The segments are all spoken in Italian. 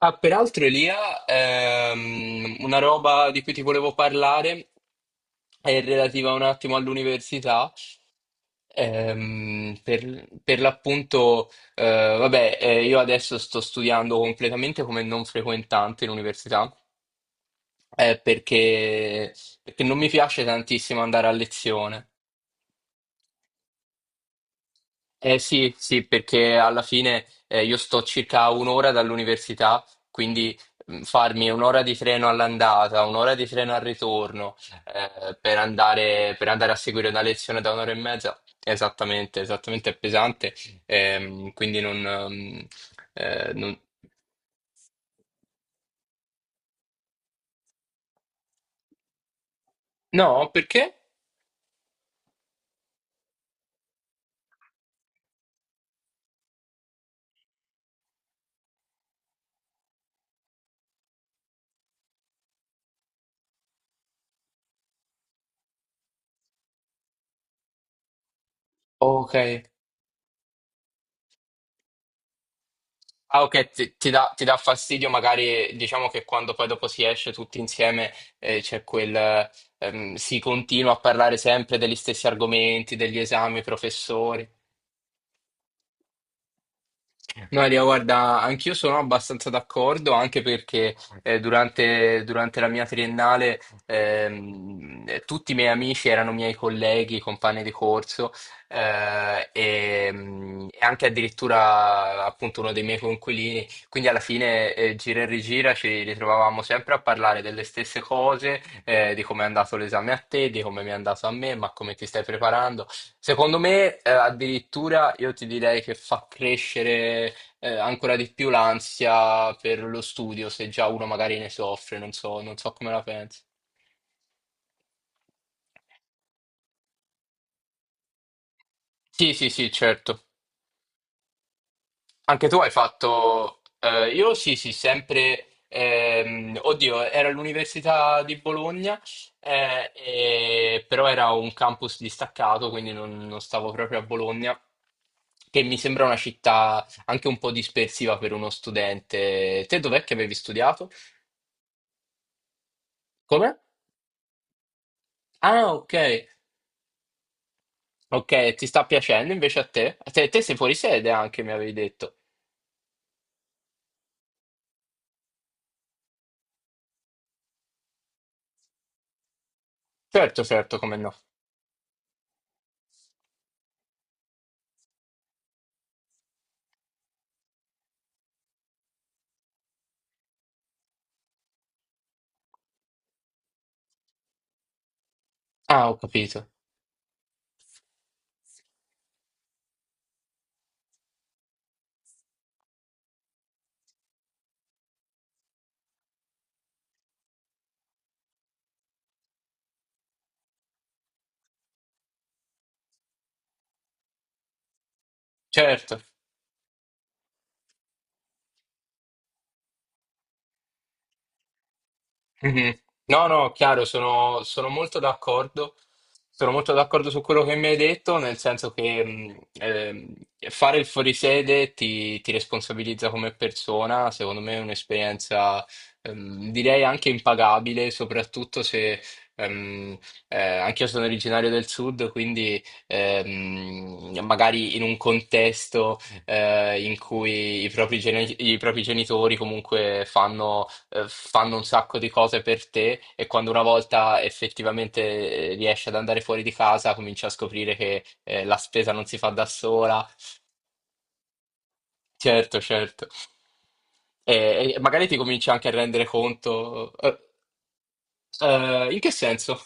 Ah, peraltro Elia, una roba di cui ti volevo parlare è relativa un attimo all'università. Per l'appunto, vabbè, io adesso sto studiando completamente come non frequentante in università, eh, perché, perché non mi piace tantissimo andare a lezione. Eh sì, sì, perché alla fine, io sto circa a un'ora dall'università, quindi farmi un'ora di treno all'andata, un'ora di treno al ritorno, per andare a seguire una lezione da un'ora e mezza, esattamente è pesante. ehm, quindi non, ehm, eh, non- No, perché? Ok. Ah, ok, ti dà fastidio, magari diciamo che quando poi dopo si esce tutti insieme, eh, c'è quel, si continua a parlare sempre degli stessi argomenti, degli esami, professori. No, Elia, guarda, anch'io sono abbastanza d'accordo, anche perché, durante la mia triennale, tutti i miei amici erano miei colleghi, compagni di corso, e anche addirittura appunto uno dei miei coinquilini. Quindi alla fine, gira e rigira ci ritrovavamo sempre a parlare delle stesse cose, di come è andato l'esame a te, di come mi è andato a me, ma come ti stai preparando. Secondo me, addirittura io ti direi che fa crescere, ancora di più l'ansia per lo studio, se già uno magari ne soffre, non so come la pensi. Sì, sì, sì, certo. Anche tu hai fatto, io sì, sì, sempre, oddio, era all'Università di Bologna, però era un campus distaccato, quindi non stavo proprio a Bologna, che mi sembra una città anche un po' dispersiva per uno studente. Te dov'è che avevi studiato? Come? Ah, ok. Ok, ti sta piacendo invece a te? A te sei fuori sede anche, mi avevi detto. Certo, certo, come no. Ah, ho capito. Certo. Mhm. No, no, chiaro, sono molto d'accordo. Sono molto d'accordo su quello che mi hai detto, nel senso che, fare il fuorisede ti responsabilizza come persona, secondo me è un'esperienza, direi anche impagabile, soprattutto se, ehm, anch'io sono originario del sud, quindi, magari in un contesto, in cui i propri genitori comunque fanno un sacco di cose per te e quando una volta effettivamente, riesci ad andare fuori di casa, cominci a scoprire che, la spesa non si fa da sola. Certo, certo. E magari ti cominci anche a rendere conto. In che senso?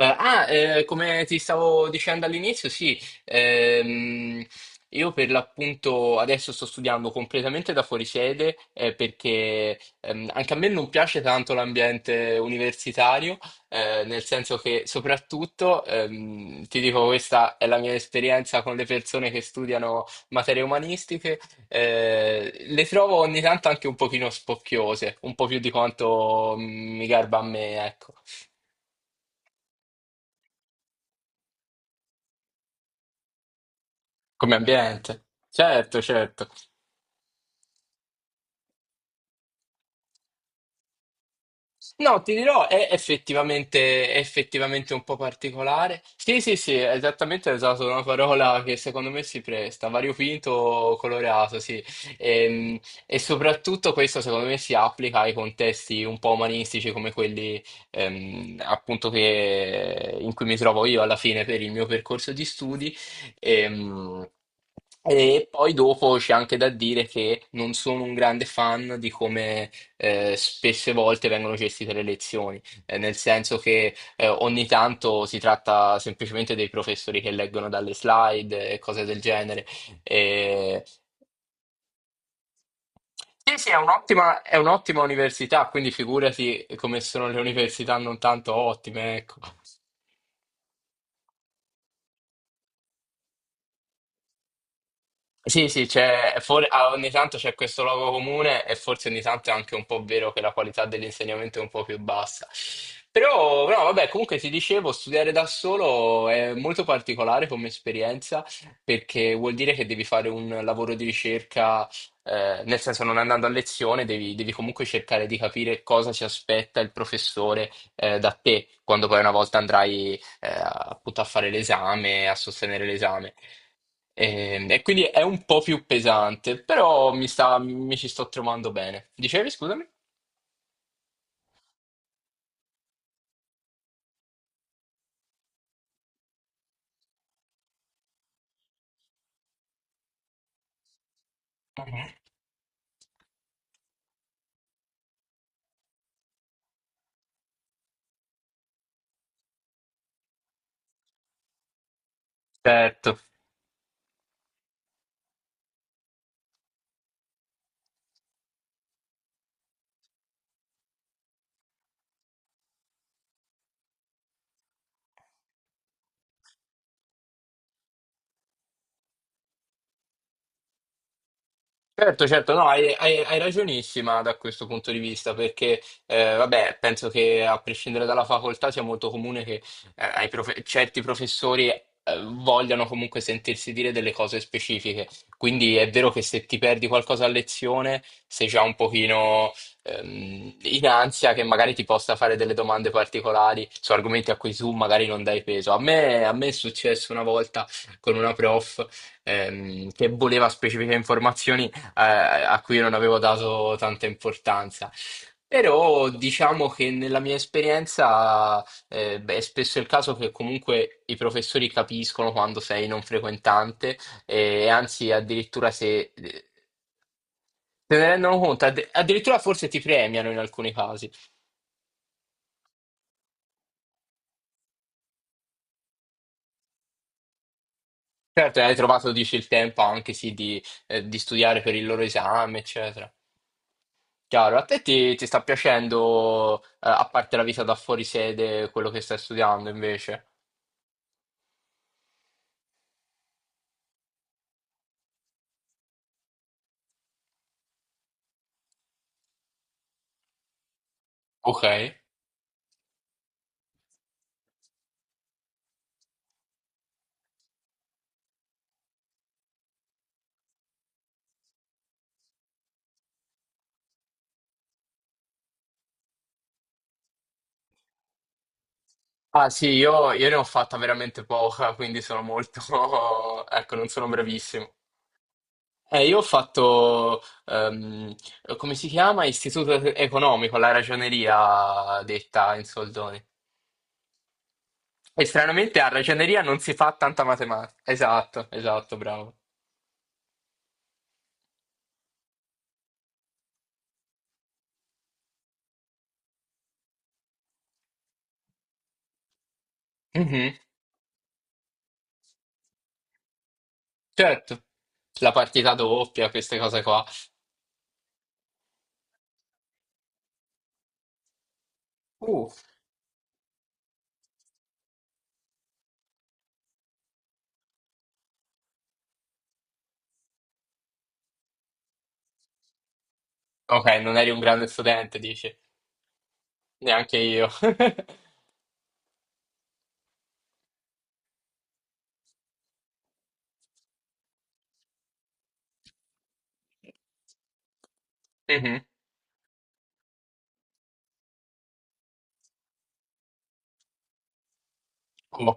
Come ti stavo dicendo all'inizio, sì, ehm, io per l'appunto adesso sto studiando completamente da fuori sede, perché, anche a me non piace tanto l'ambiente universitario, nel senso che soprattutto, ti dico, questa è la mia esperienza con le persone che studiano materie umanistiche, le trovo ogni tanto anche un pochino spocchiose, un po' più di quanto mi garba a me, ecco. Come ambiente. Certo, certo. No, ti dirò, è effettivamente un po' particolare. Sì, sì, sì, esattamente, hai usato una parola che secondo me si presta, variopinto, colorato, sì. Ehm, E, soprattutto questo secondo me si applica ai contesti un po' umanistici come quelli, in cui mi trovo io alla fine per il mio percorso di studi. Ehm, E poi dopo c'è anche da dire che non sono un grande fan di come, spesse volte vengono gestite le elezioni, nel senso che, ogni tanto si tratta semplicemente dei professori che leggono dalle slide e cose del genere. E- Sì, sì, è un'ottima università, quindi figurati come sono le università non tanto ottime, ecco. Sì, sì, ogni tanto c'è questo luogo comune e forse ogni tanto è anche un po' vero che la qualità dell'insegnamento è un po' più bassa. Però, no, vabbè, comunque ti dicevo, studiare da solo è molto particolare come esperienza perché vuol dire che devi fare un lavoro di ricerca, nel senso non andando a lezione, devi comunque cercare di capire cosa si aspetta il professore, da te quando poi una volta andrai, appunto a fare l'esame, a sostenere l'esame. E quindi è un po' più pesante, però mi ci sto trovando bene. Dicevi, scusami? Mhm. Certo. Certo, certo, no, hai ragionissima da questo punto di vista, perché, vabbè, penso che a prescindere dalla facoltà sia molto comune che, certi professori, vogliano comunque sentirsi dire delle cose specifiche. Quindi è vero che se ti perdi qualcosa a lezione, sei già un pochino, in ansia che magari ti possa fare delle domande particolari su argomenti a cui tu magari non dai peso. A me è successo una volta con una prof, che voleva specifiche informazioni, eh, a cui non avevo dato tanta importanza. Però diciamo che nella mia esperienza, beh, è spesso il caso che comunque i professori capiscono quando sei non frequentante e anzi addirittura se ne rendono conto, addirittura forse ti premiano in alcuni casi. Certo, hai trovato, dici, il tempo anche sì di studiare per il loro esame, eccetera. Chiaro, a te ti sta piacendo, a parte la vita da fuori sede, quello che stai studiando invece? Ok. Ah sì, io ne ho fatta veramente poca, quindi sono molto, ecco, non sono bravissimo. Io ho fatto, come si chiama? Istituto economico, la ragioneria detta in soldoni. E stranamente a ragioneria non si fa tanta matematica. Esatto, esatto, bravo. Mhm, certo. La partita doppia, queste cose qua. Uh, ok, non eri un grande studente, dici? Neanche io. Mhm.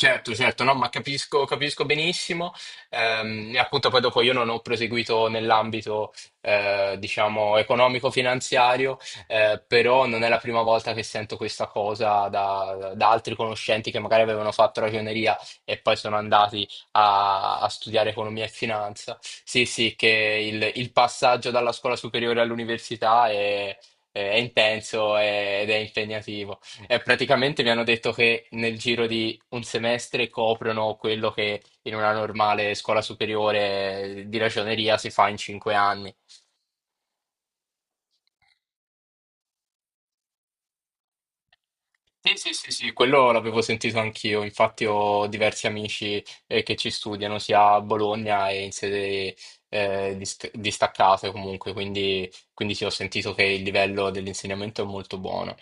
Certo, certo, no, ma capisco, capisco benissimo. E appunto poi dopo io non ho proseguito nell'ambito, diciamo, economico-finanziario, però non è la prima volta che sento questa cosa da altri conoscenti che magari avevano fatto ragioneria e poi sono andati a studiare economia e finanza. Sì, sì, che il passaggio dalla scuola superiore all'università è intenso ed è impegnativo. E praticamente mi hanno detto che nel giro di un semestre coprono quello che in una normale scuola superiore di ragioneria si fa in 5 anni. Sì, sì, sì, sì, quello l'avevo sentito anch'io. Infatti ho diversi amici, che ci studiano sia a Bologna e in sede, distaccate comunque, quindi sì, ho sentito che il livello dell'insegnamento è molto buono.